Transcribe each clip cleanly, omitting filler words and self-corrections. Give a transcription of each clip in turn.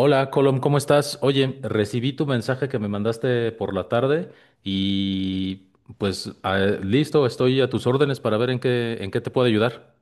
Hola, Colom, ¿cómo estás? Oye, recibí tu mensaje que me mandaste por la tarde y pues listo, estoy a tus órdenes para ver en qué te puedo ayudar.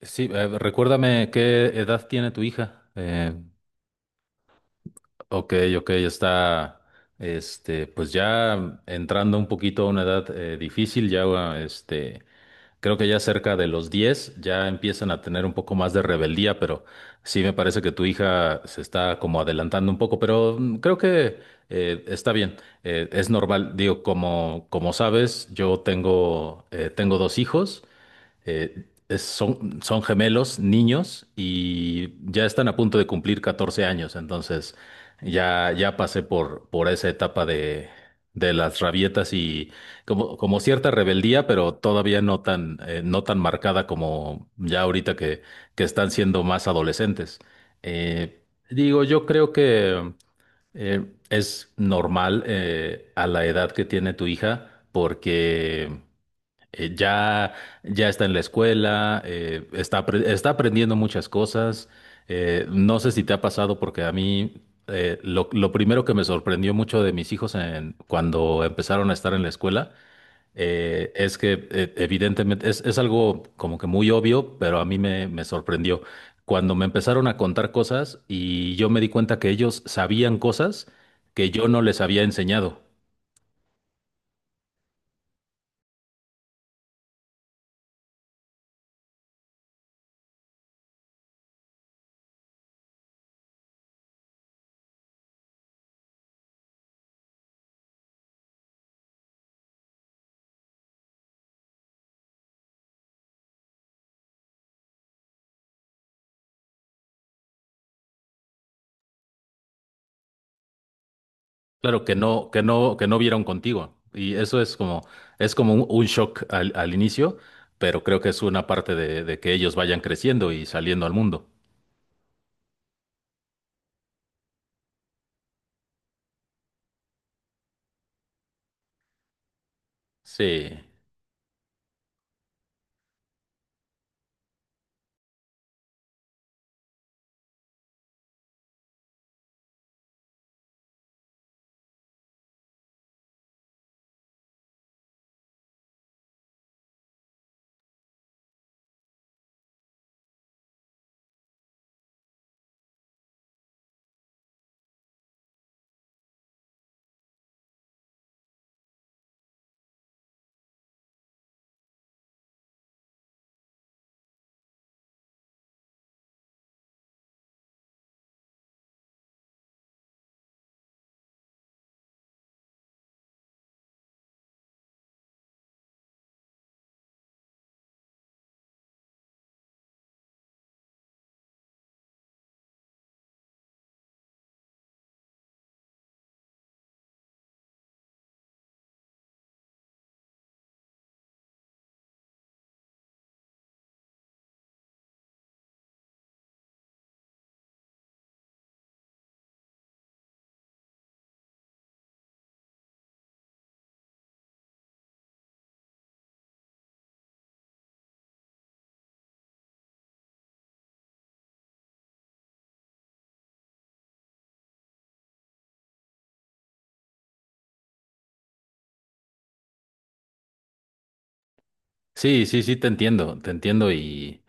Sí, recuérdame qué edad tiene tu hija. Ok, ok, está, pues ya entrando un poquito a una edad difícil, este, creo que ya cerca de los 10 ya empiezan a tener un poco más de rebeldía, pero sí me parece que tu hija se está como adelantando un poco, pero creo que está bien, es normal. Digo, como, como sabes, yo tengo, tengo dos hijos son gemelos, niños, y ya están a punto de cumplir 14 años, entonces ya, ya pasé por esa etapa de las rabietas y como, como cierta rebeldía, pero todavía no tan, no tan marcada como ya ahorita que están siendo más adolescentes. Eh, Digo, yo creo que es normal a la edad que tiene tu hija porque eh, ya, ya está en la escuela, está, está aprendiendo muchas cosas. No sé si te ha pasado porque a mí lo primero que me sorprendió mucho de mis hijos cuando empezaron a estar en la escuela es que evidentemente es algo como que muy obvio, pero a mí me, me sorprendió. Cuando me empezaron a contar cosas y yo me di cuenta que ellos sabían cosas que yo no les había enseñado. Claro, que no, que no, que no vieron contigo. Y eso es como un shock al, al inicio, pero creo que es una parte de que ellos vayan creciendo y saliendo al mundo. Sí. Sí, sí, sí, te entiendo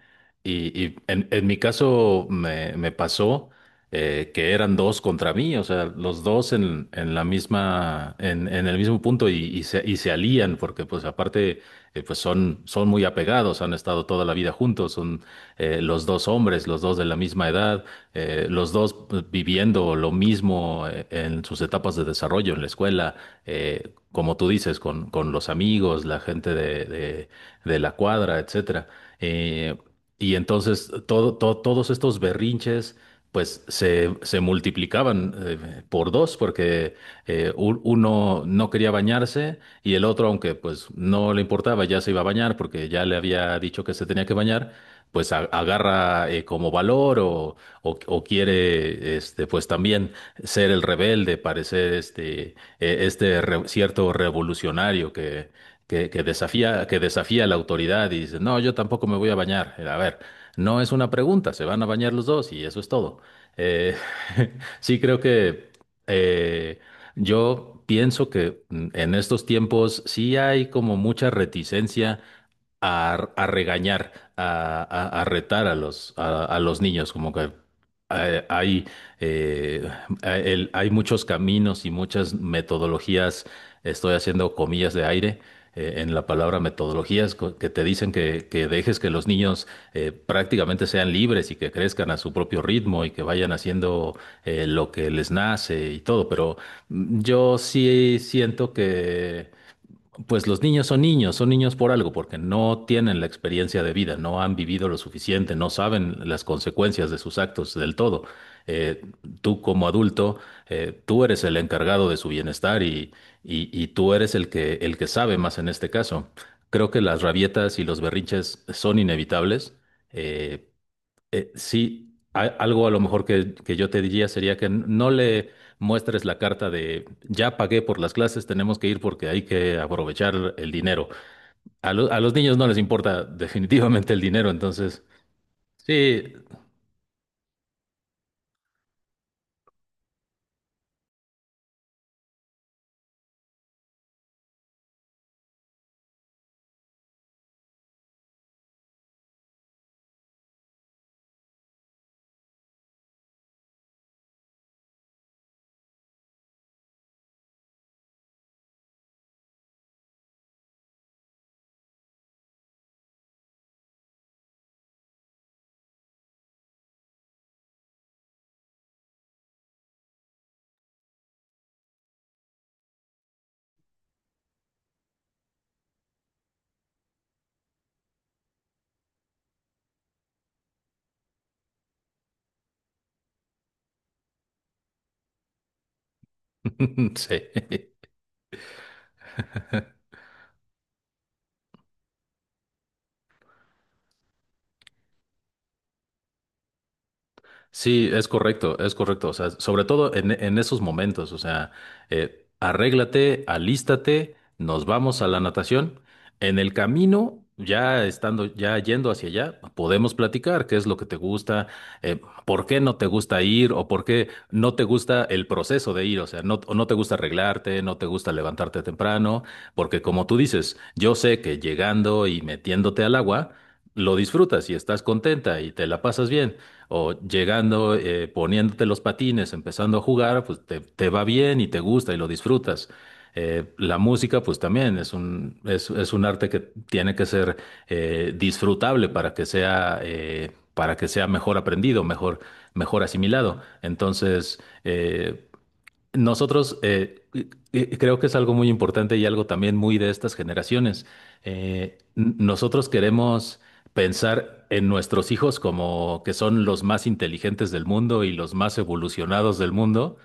y en mi caso me, me pasó que eran dos contra mí, o sea, los dos en la misma, en el mismo punto y se alían porque pues aparte pues son, son muy apegados, han estado toda la vida juntos, son los dos hombres, los dos de la misma edad, los dos pues, viviendo lo mismo en sus etapas de desarrollo en la escuela, como tú dices, con los amigos, la gente de, de la cuadra, etcétera. Eh, y entonces todo, todos estos berrinches pues se multiplicaban por dos porque uno no quería bañarse y el otro, aunque pues no le importaba, ya se iba a bañar porque ya le había dicho que se tenía que bañar, pues agarra como valor o quiere este, pues también ser el rebelde, parecer este, cierto revolucionario que desafía la autoridad y dice, no, yo tampoco me voy a bañar. A ver, no es una pregunta, se van a bañar los dos y eso es todo. Eh, sí creo que eh, yo pienso que en estos tiempos sí hay como mucha reticencia a regañar, a, a retar a los niños, como que eh, hay, eh, hay muchos caminos y muchas metodologías, estoy haciendo comillas de aire, en la palabra metodologías que te dicen que dejes que los niños prácticamente sean libres y que crezcan a su propio ritmo y que vayan haciendo lo que les nace y todo, pero yo sí siento que pues los niños son niños, son niños por algo, porque no tienen la experiencia de vida, no han vivido lo suficiente, no saben las consecuencias de sus actos del todo. Eh, Tú como adulto, tú eres el encargado de su bienestar y, y tú eres el que sabe más en este caso. Creo que las rabietas y los berrinches son inevitables, eh, sí, algo a lo mejor que yo te diría sería que no le muestres la carta de ya pagué por las clases, tenemos que ir porque hay que aprovechar el dinero. A, a los niños no les importa definitivamente el dinero, entonces sí, sí. Sí, es correcto, es correcto. O sea, sobre todo en esos momentos, o sea, arréglate, alístate, nos vamos a la natación. En el camino, ya estando, ya yendo hacia allá, podemos platicar qué es lo que te gusta, eh, por qué no te gusta ir o por qué no te gusta el proceso de ir. O sea, no, no te gusta arreglarte, no te gusta levantarte temprano, porque como tú dices, yo sé que llegando y metiéndote al agua, lo disfrutas y estás contenta y te la pasas bien o llegando, poniéndote los patines, empezando a jugar, pues te va bien y te gusta y lo disfrutas. La música, pues también es un arte que tiene que ser disfrutable para que sea mejor aprendido, mejor, mejor asimilado. Entonces, eh, nosotros eh, y- creo que es algo muy importante y algo también muy de estas generaciones. Nosotros queremos pensar en nuestros hijos como que son los más inteligentes del mundo y los más evolucionados del mundo,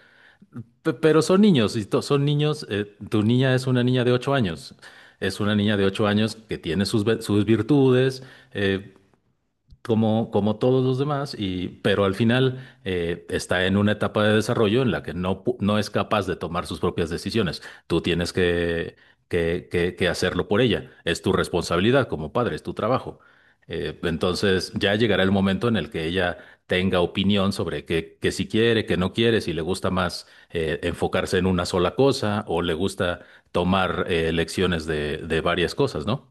pero son niños, y son niños, tu niña es una niña de 8 años. Es una niña de ocho años que tiene sus, sus virtudes, eh, como, como todos los demás, y, pero al final está en una etapa de desarrollo en la que no, no es capaz de tomar sus propias decisiones. Tú tienes que hacerlo por ella. Es tu responsabilidad como padre, es tu trabajo. Entonces ya llegará el momento en el que ella tenga opinión sobre qué que si quiere, que no quiere, si le gusta más enfocarse en una sola cosa o le gusta tomar lecciones de varias cosas, ¿no?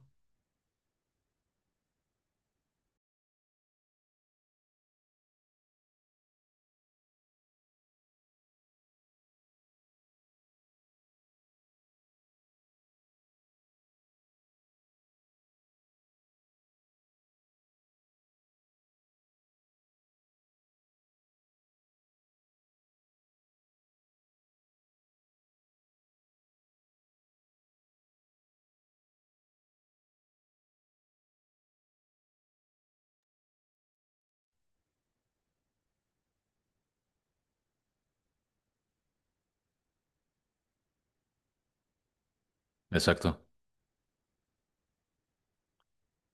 Exacto.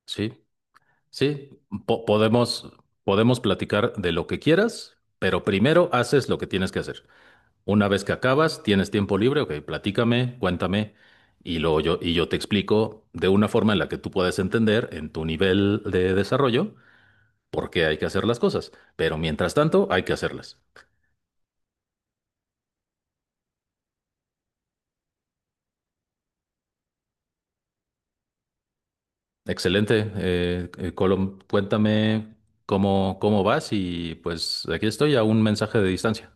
Sí. Sí, podemos, podemos platicar de lo que quieras, pero primero haces lo que tienes que hacer. Una vez que acabas, tienes tiempo libre, ok, platícame, cuéntame, y luego yo, y yo te explico de una forma en la que tú puedas entender en tu nivel de desarrollo por qué hay que hacer las cosas. Pero mientras tanto, hay que hacerlas. Excelente, Colom, cuéntame cómo, cómo vas y pues aquí estoy a un mensaje de distancia.